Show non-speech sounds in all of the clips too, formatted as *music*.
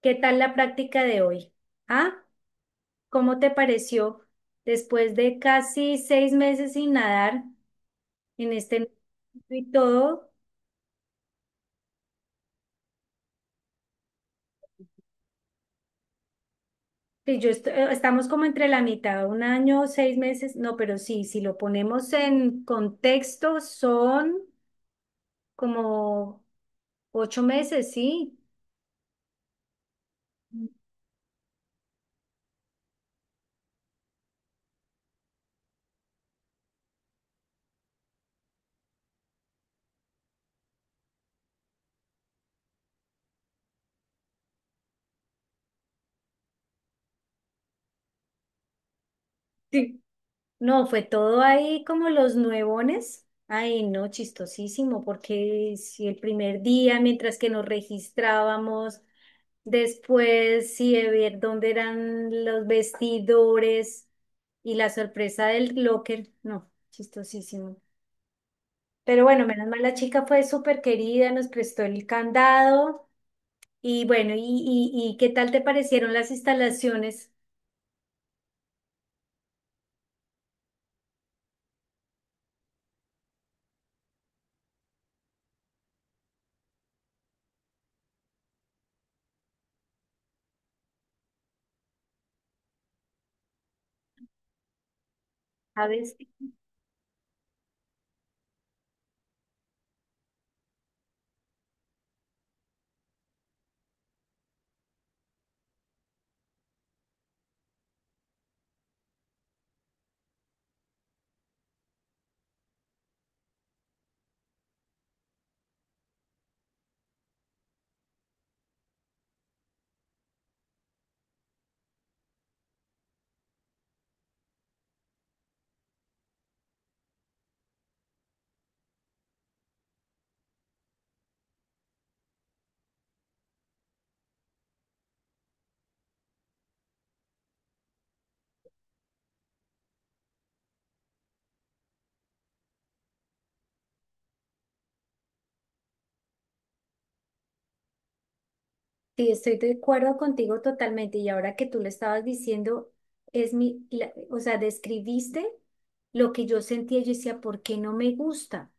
¿Qué tal la práctica de hoy? ¿Ah? ¿Cómo te pareció después de casi 6 meses sin nadar en este y todo? Estamos como entre la mitad, un año, seis meses, no, pero sí, si lo ponemos en contexto, son como 8 meses, ¿sí? Sí. No, fue todo ahí como los nuevones. Ay, no, chistosísimo, porque si el primer día, mientras que nos registrábamos, después, sí, de ver dónde eran los vestidores y la sorpresa del locker. No, chistosísimo. Pero bueno, menos mal la chica fue súper querida, nos prestó el candado. Y bueno, ¿y qué tal te parecieron las instalaciones? ¿Sabes? Sí, estoy de acuerdo contigo totalmente. Y ahora que tú lo estabas diciendo, es o sea, describiste lo que yo sentía. Yo decía, ¿por qué no me gusta?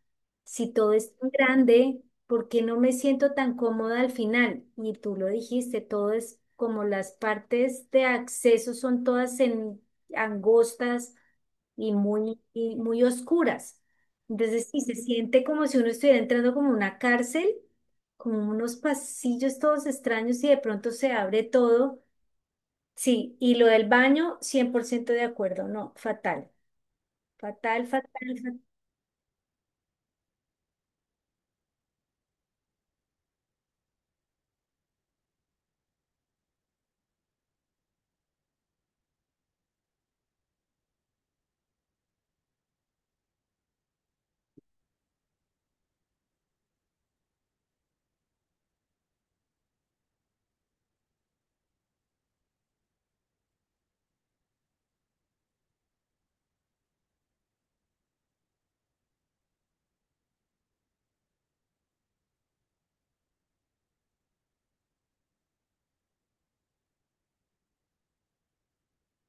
Si todo es tan grande, ¿por qué no me siento tan cómoda al final? Y tú lo dijiste, todo es como las partes de acceso son todas en angostas y muy oscuras. Entonces, sí, se siente como si uno estuviera entrando como una cárcel con unos pasillos todos extraños y de pronto se abre todo. Sí, y lo del baño, 100% de acuerdo, no, fatal, fatal, fatal, fatal.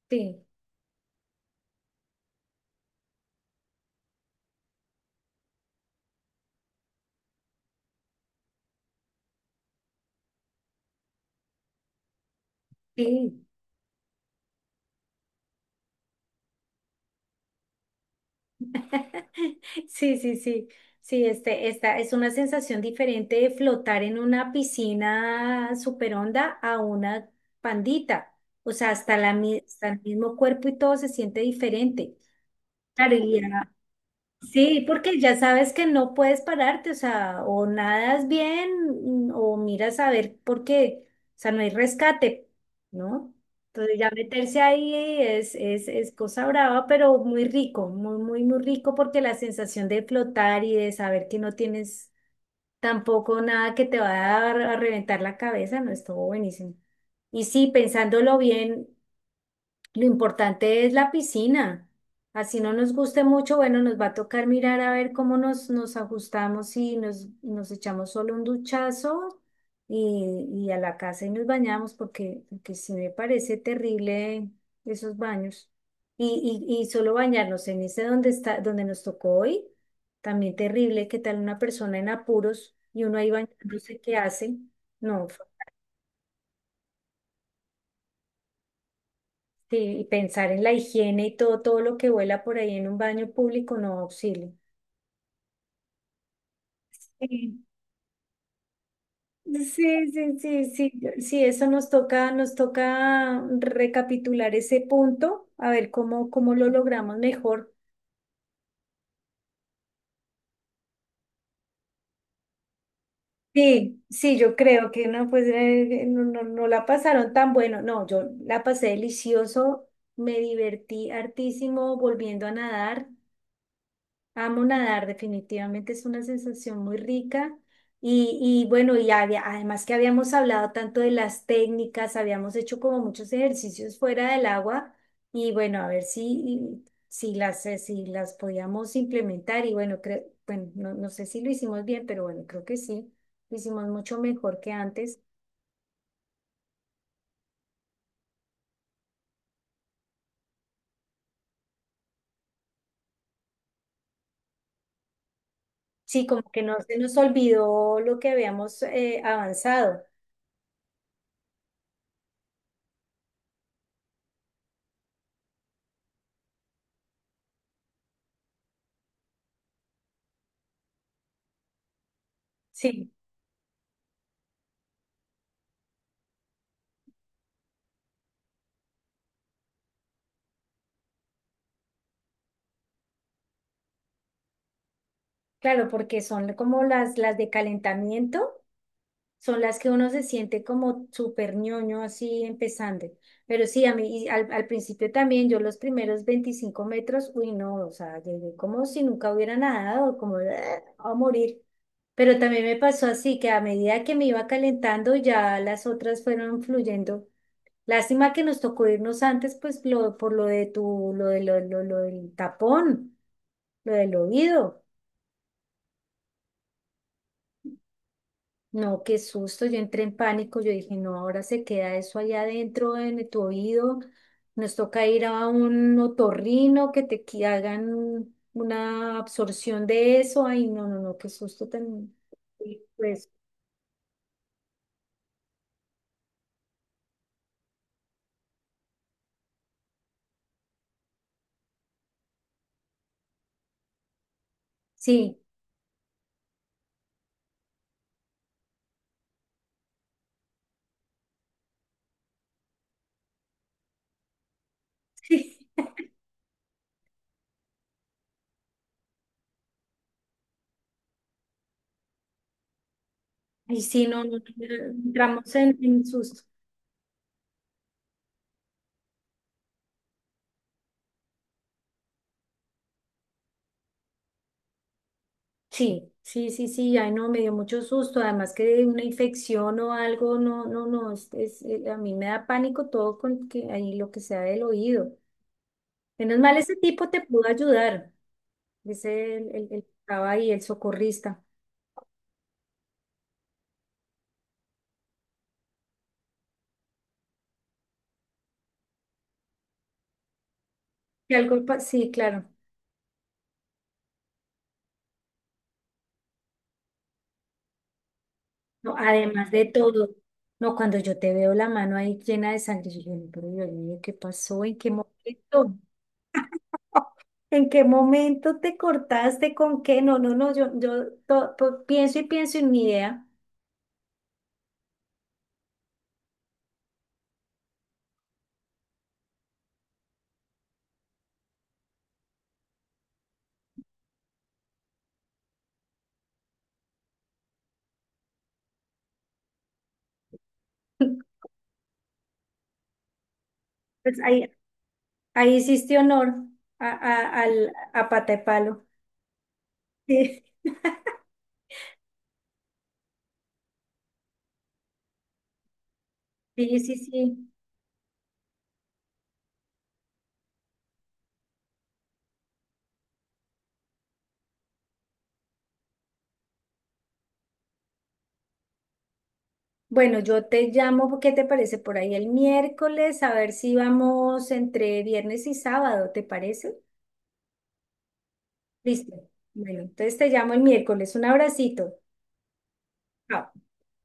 Sí, sí. *laughs* Sí, sí, sí. Sí, esta es una sensación diferente de flotar en una piscina super honda a una pandita. O sea, hasta el mismo cuerpo y todo se siente diferente. Claro, y ya sí, porque ya sabes que no puedes pararte, o sea, o nadas bien, o miras a ver por qué, o sea, no hay rescate, ¿no? Entonces ya meterse ahí es cosa brava, pero muy rico, muy, muy, muy rico porque la sensación de flotar y de saber que no tienes tampoco nada que te va a, a reventar la cabeza, no, estuvo buenísimo. Y sí, pensándolo bien. Lo importante es la piscina. Así no nos guste mucho, bueno, nos va a tocar mirar a ver cómo nos ajustamos y nos echamos solo un duchazo y a la casa y nos bañamos porque, porque sí me parece terrible esos baños. Y solo bañarnos en ese donde está, donde nos tocó hoy, también terrible, ¿qué tal una persona en apuros y uno ahí bañándose? ¿Qué hace? No, sí, y pensar en la higiene y todo, todo lo que vuela por ahí en un baño público, no, auxilio. Sí. Sí, sí, sí, sí, sí, eso nos toca recapitular ese punto, a ver cómo, cómo lo logramos mejor. Sí, sí, yo creo que no, pues no, no, no la pasaron tan bueno, no, yo la pasé delicioso, me divertí hartísimo volviendo a nadar. Amo nadar, definitivamente es una sensación muy rica. Y, y bueno, además que habíamos hablado tanto de las técnicas, habíamos hecho como muchos ejercicios fuera del agua y bueno, a ver si, si las, si las podíamos implementar y bueno, creo, bueno, no, no sé si lo hicimos bien, pero bueno, creo que sí, lo hicimos mucho mejor que antes. Sí, como que no se nos olvidó lo que habíamos avanzado. Sí, claro, porque son como las de calentamiento. Son las que uno se siente como súper ñoño así empezando. Pero sí, a mí al principio también yo los primeros 25 metros, uy no, o sea, llegué como si nunca hubiera nadado, como "Ah, a morir". Pero también me pasó así, que a medida que me iba calentando, ya las otras fueron fluyendo. Lástima que nos tocó irnos antes, pues por lo de tu, lo de lo del tapón, lo del oído. No, qué susto, yo entré en pánico, yo dije, no, ahora se queda eso allá adentro en tu oído, nos toca ir a un otorrino que hagan una absorción de eso, ay, no, no, no, qué susto tan... Y pues sí, *laughs* y sí, no, no, entramos en susto. Sí, sí, sí, sí, ay, no, me dio mucho susto, además que de una infección o algo, no, no, no, a mí me da pánico todo con que ahí lo que sea del oído. Menos mal ese tipo te pudo ayudar, dice el que estaba ahí, el socorrista. Que algo, sí, claro. No, además de todo, no, cuando yo te veo la mano ahí llena de sangre, yo dije, "No, pero Dios mío, ¿qué pasó? ¿En qué momento?" *laughs* ¿En qué momento te cortaste? ¿Con qué? No, no, no, yo, pienso y pienso en mi idea. *laughs* Pues ahí, ahí hiciste honor a pata de palo. *laughs* Sí, sí, sí, sí. Bueno, yo te llamo, ¿qué te parece? Por ahí el miércoles, a ver si vamos entre viernes y sábado, ¿te parece? Listo. Bueno, entonces te llamo el miércoles. Un abracito. Chao.